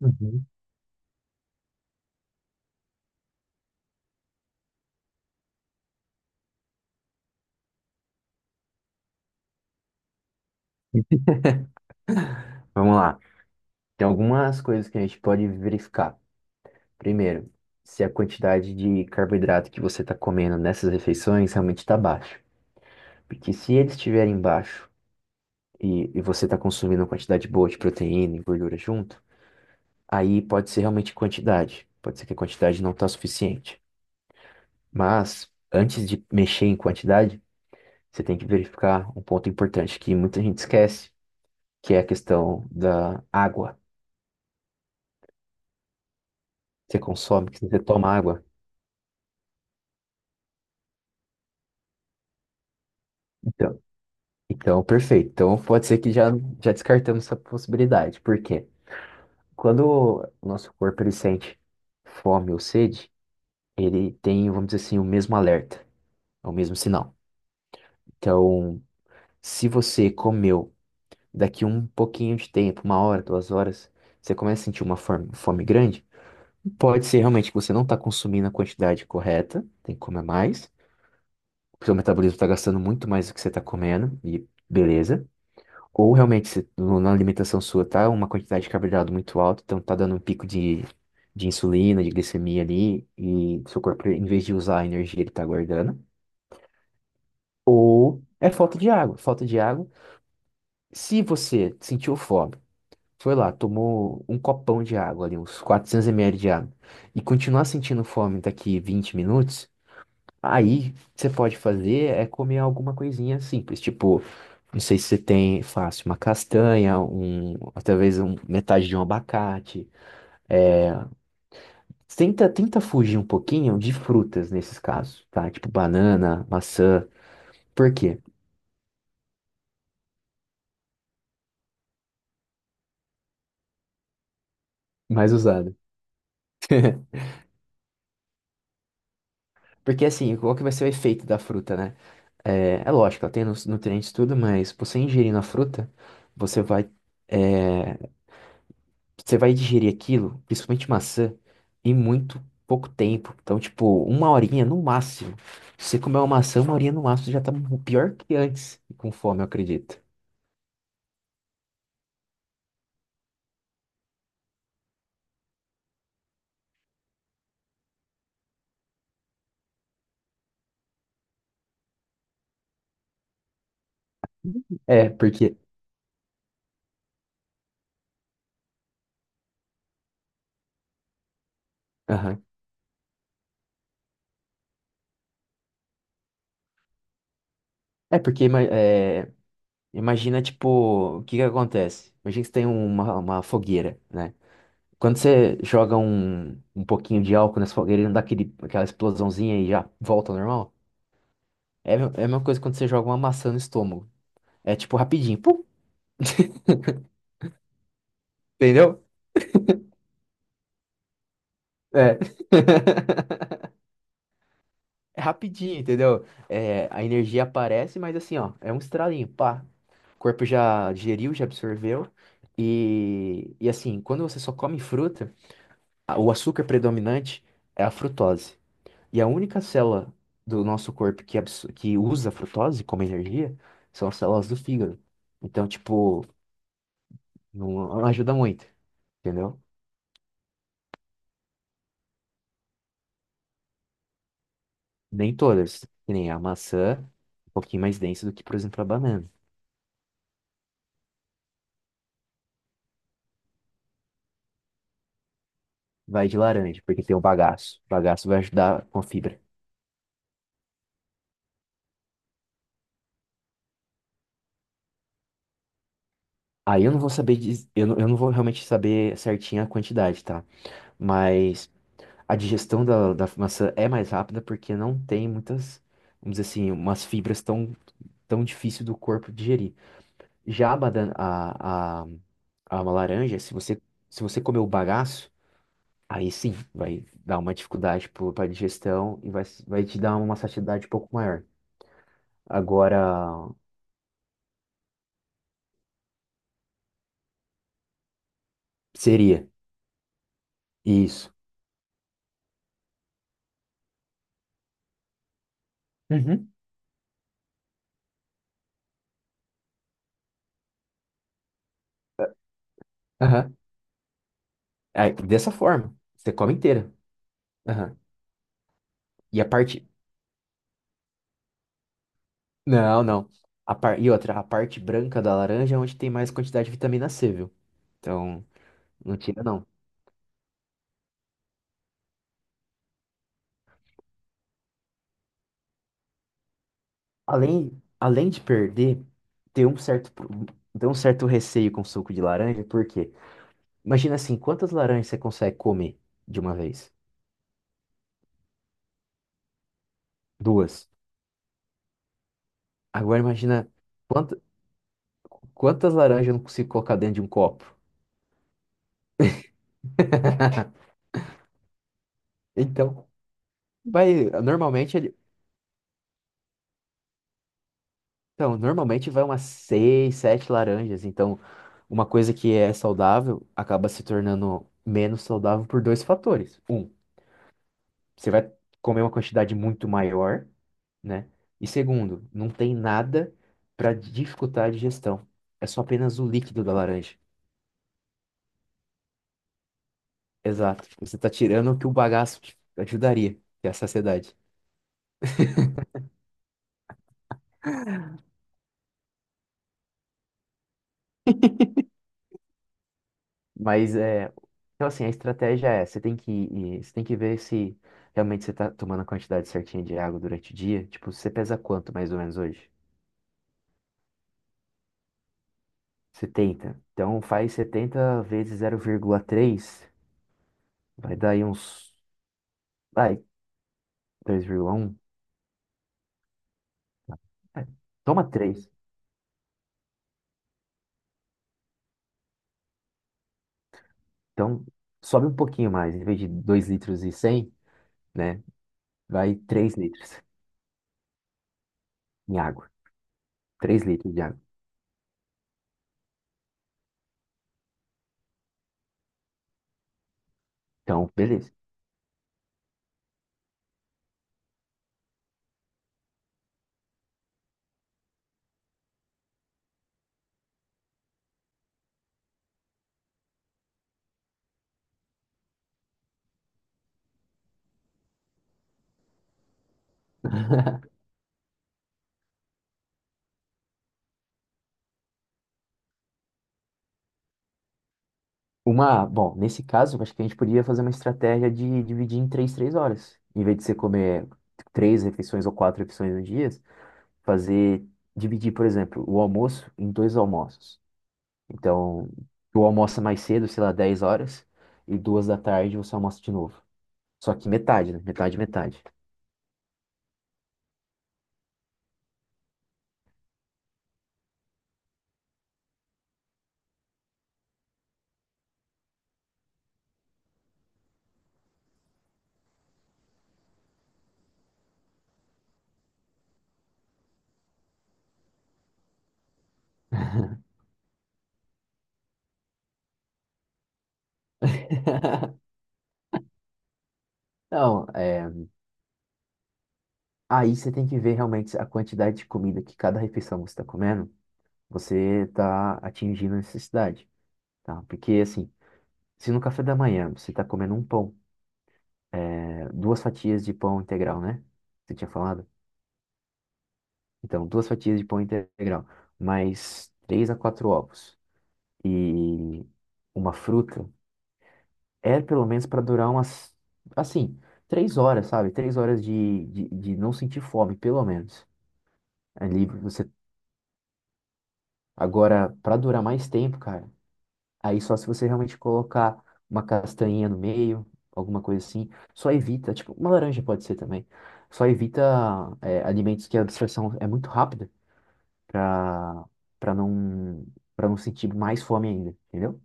Uhum. Vamos lá. Tem algumas coisas que a gente pode verificar. Primeiro, se a quantidade de carboidrato que você está comendo nessas refeições realmente está baixa. Porque se eles estiverem baixo e você está consumindo uma quantidade boa de proteína e gordura junto, aí pode ser realmente quantidade. Pode ser que a quantidade não está suficiente. Mas, antes de mexer em quantidade, você tem que verificar um ponto importante que muita gente esquece, que é a questão da água. Você consome, que você toma água. então, Então, perfeito. Então, pode ser que já descartamos essa possibilidade. Por quê? Quando o nosso corpo ele sente fome ou sede, ele tem, vamos dizer assim, o mesmo alerta, é o mesmo sinal. Então, se você comeu daqui um pouquinho de tempo, uma hora, duas horas, você começa a sentir uma fome, fome grande, pode ser realmente que você não está consumindo a quantidade correta, tem que comer mais, o seu metabolismo está gastando muito mais do que você está comendo, e beleza. Ou realmente se na alimentação sua tá uma quantidade de carboidrato muito alta, então tá dando um pico de insulina, de glicemia ali, e seu corpo, em vez de usar a energia, ele tá guardando. Ou é falta de água. Falta de água. Se você sentiu fome, foi lá, tomou um copão de água ali, uns 400 ml de água, e continuar sentindo fome daqui 20 minutos, aí, o que você pode fazer é comer alguma coisinha simples, tipo, não sei se você tem fácil, uma castanha, um, ou talvez um, metade de um abacate. Tenta, tenta fugir um pouquinho de frutas nesses casos, tá? Tipo banana, maçã. Por quê? Mais usado. Porque assim, qual que vai ser o efeito da fruta, né? É, é lógico, ela tem nutrientes e tudo, mas você ingerindo a fruta, você vai, é, você vai digerir aquilo, principalmente maçã, em muito pouco tempo. Então, tipo, uma horinha no máximo. Se você comer uma maçã, uma horinha no máximo, você já tá pior que antes, com fome, eu acredito. É, porque. Aham. É, porque ima- é, imagina, tipo, o que que acontece? Imagina que você tem uma fogueira, né? Quando você joga um pouquinho de álcool nessa fogueira, ele não dá aquele, aquela explosãozinha e já volta ao normal? É, é a mesma coisa quando você joga uma maçã no estômago. É tipo rapidinho, pum, entendeu? É. É rapidinho, entendeu? É, a energia aparece, mas assim, ó, é um estralinho, pá. O corpo já digeriu, já absorveu. E assim, quando você só come fruta, o açúcar predominante é a frutose. E a única célula do nosso corpo que, que usa a frutose como energia são as células do fígado. Então, tipo, não ajuda muito, entendeu? Nem todas, que nem a maçã, um pouquinho mais densa do que, por exemplo, a banana. Vai de laranja, porque tem o bagaço. O bagaço vai ajudar com a fibra. Aí eu não vou saber, eu não vou realmente saber certinho a quantidade, tá? Mas a digestão da maçã é mais rápida porque não tem muitas, vamos dizer assim, umas fibras tão, tão difícil do corpo digerir. Já a, badan- a uma laranja, se você, se você comer o bagaço, aí sim, vai dar uma dificuldade para a digestão e vai, vai te dar uma saciedade um pouco maior. Agora, seria isso. Aham. Aí, dessa forma, você come inteira. Aham. E a parte. Não, não. A par... E outra, a parte branca da laranja é onde tem mais quantidade de vitamina C, viu? Então, não tira, não. Além de perder, tem um certo, tem um certo receio com suco de laranja, porque imagina assim, quantas laranjas você consegue comer de uma vez? Duas. Agora imagina quant- quantas laranjas eu não consigo colocar dentro de um copo. Então, vai, normalmente então, normalmente vai umas 6, 7 laranjas. Então, uma coisa que é saudável acaba se tornando menos saudável por dois fatores. Um, você vai comer uma quantidade muito maior, né? E segundo, não tem nada para dificultar a digestão. É só apenas o líquido da laranja. Exato. Você está tirando o que o bagaço te ajudaria, que é a saciedade. Mas é, então assim, a estratégia é, você tem que você tem que ver se realmente você está tomando a quantidade certinha de água durante o dia. Tipo, você pesa quanto mais ou menos hoje? 70. Então faz 70 vezes 0,3, vai dar aí uns, vai, 2,1. É, toma três. Então sobe um pouquinho mais, em vez de 2 litros e 100, né? Vai 3 litros em água. 3 litros de água. Então, beleza. Uma, bom, nesse caso, acho que a gente poderia fazer uma estratégia de dividir em três, três horas. Em vez de você comer três refeições ou quatro refeições no dia, fazer, dividir, por exemplo, o almoço em dois almoços. Então, tu almoça mais cedo, sei lá, 10 horas, e duas da tarde você almoça de novo. Só que metade, né? Metade, metade. Não, é, aí você tem que ver realmente a quantidade de comida que cada refeição você está comendo, você está atingindo a necessidade, tá? Porque, assim, se no café da manhã você está comendo um pão, né, duas fatias de pão integral, né? Você tinha falado? Então, duas fatias de pão integral, mais 3 a 4 ovos e uma fruta, é pelo menos para durar umas, assim, 3 horas, sabe? 3 horas de não sentir fome, pelo menos. Ali você. Agora, para durar mais tempo, cara. Aí só se você realmente colocar uma castanhinha no meio, alguma coisa assim, só evita, tipo, uma laranja pode ser também. Só evita é, alimentos que a absorção é muito rápida para para não para não sentir mais fome ainda, entendeu?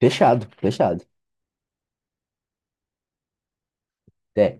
Fechado, fechado. É.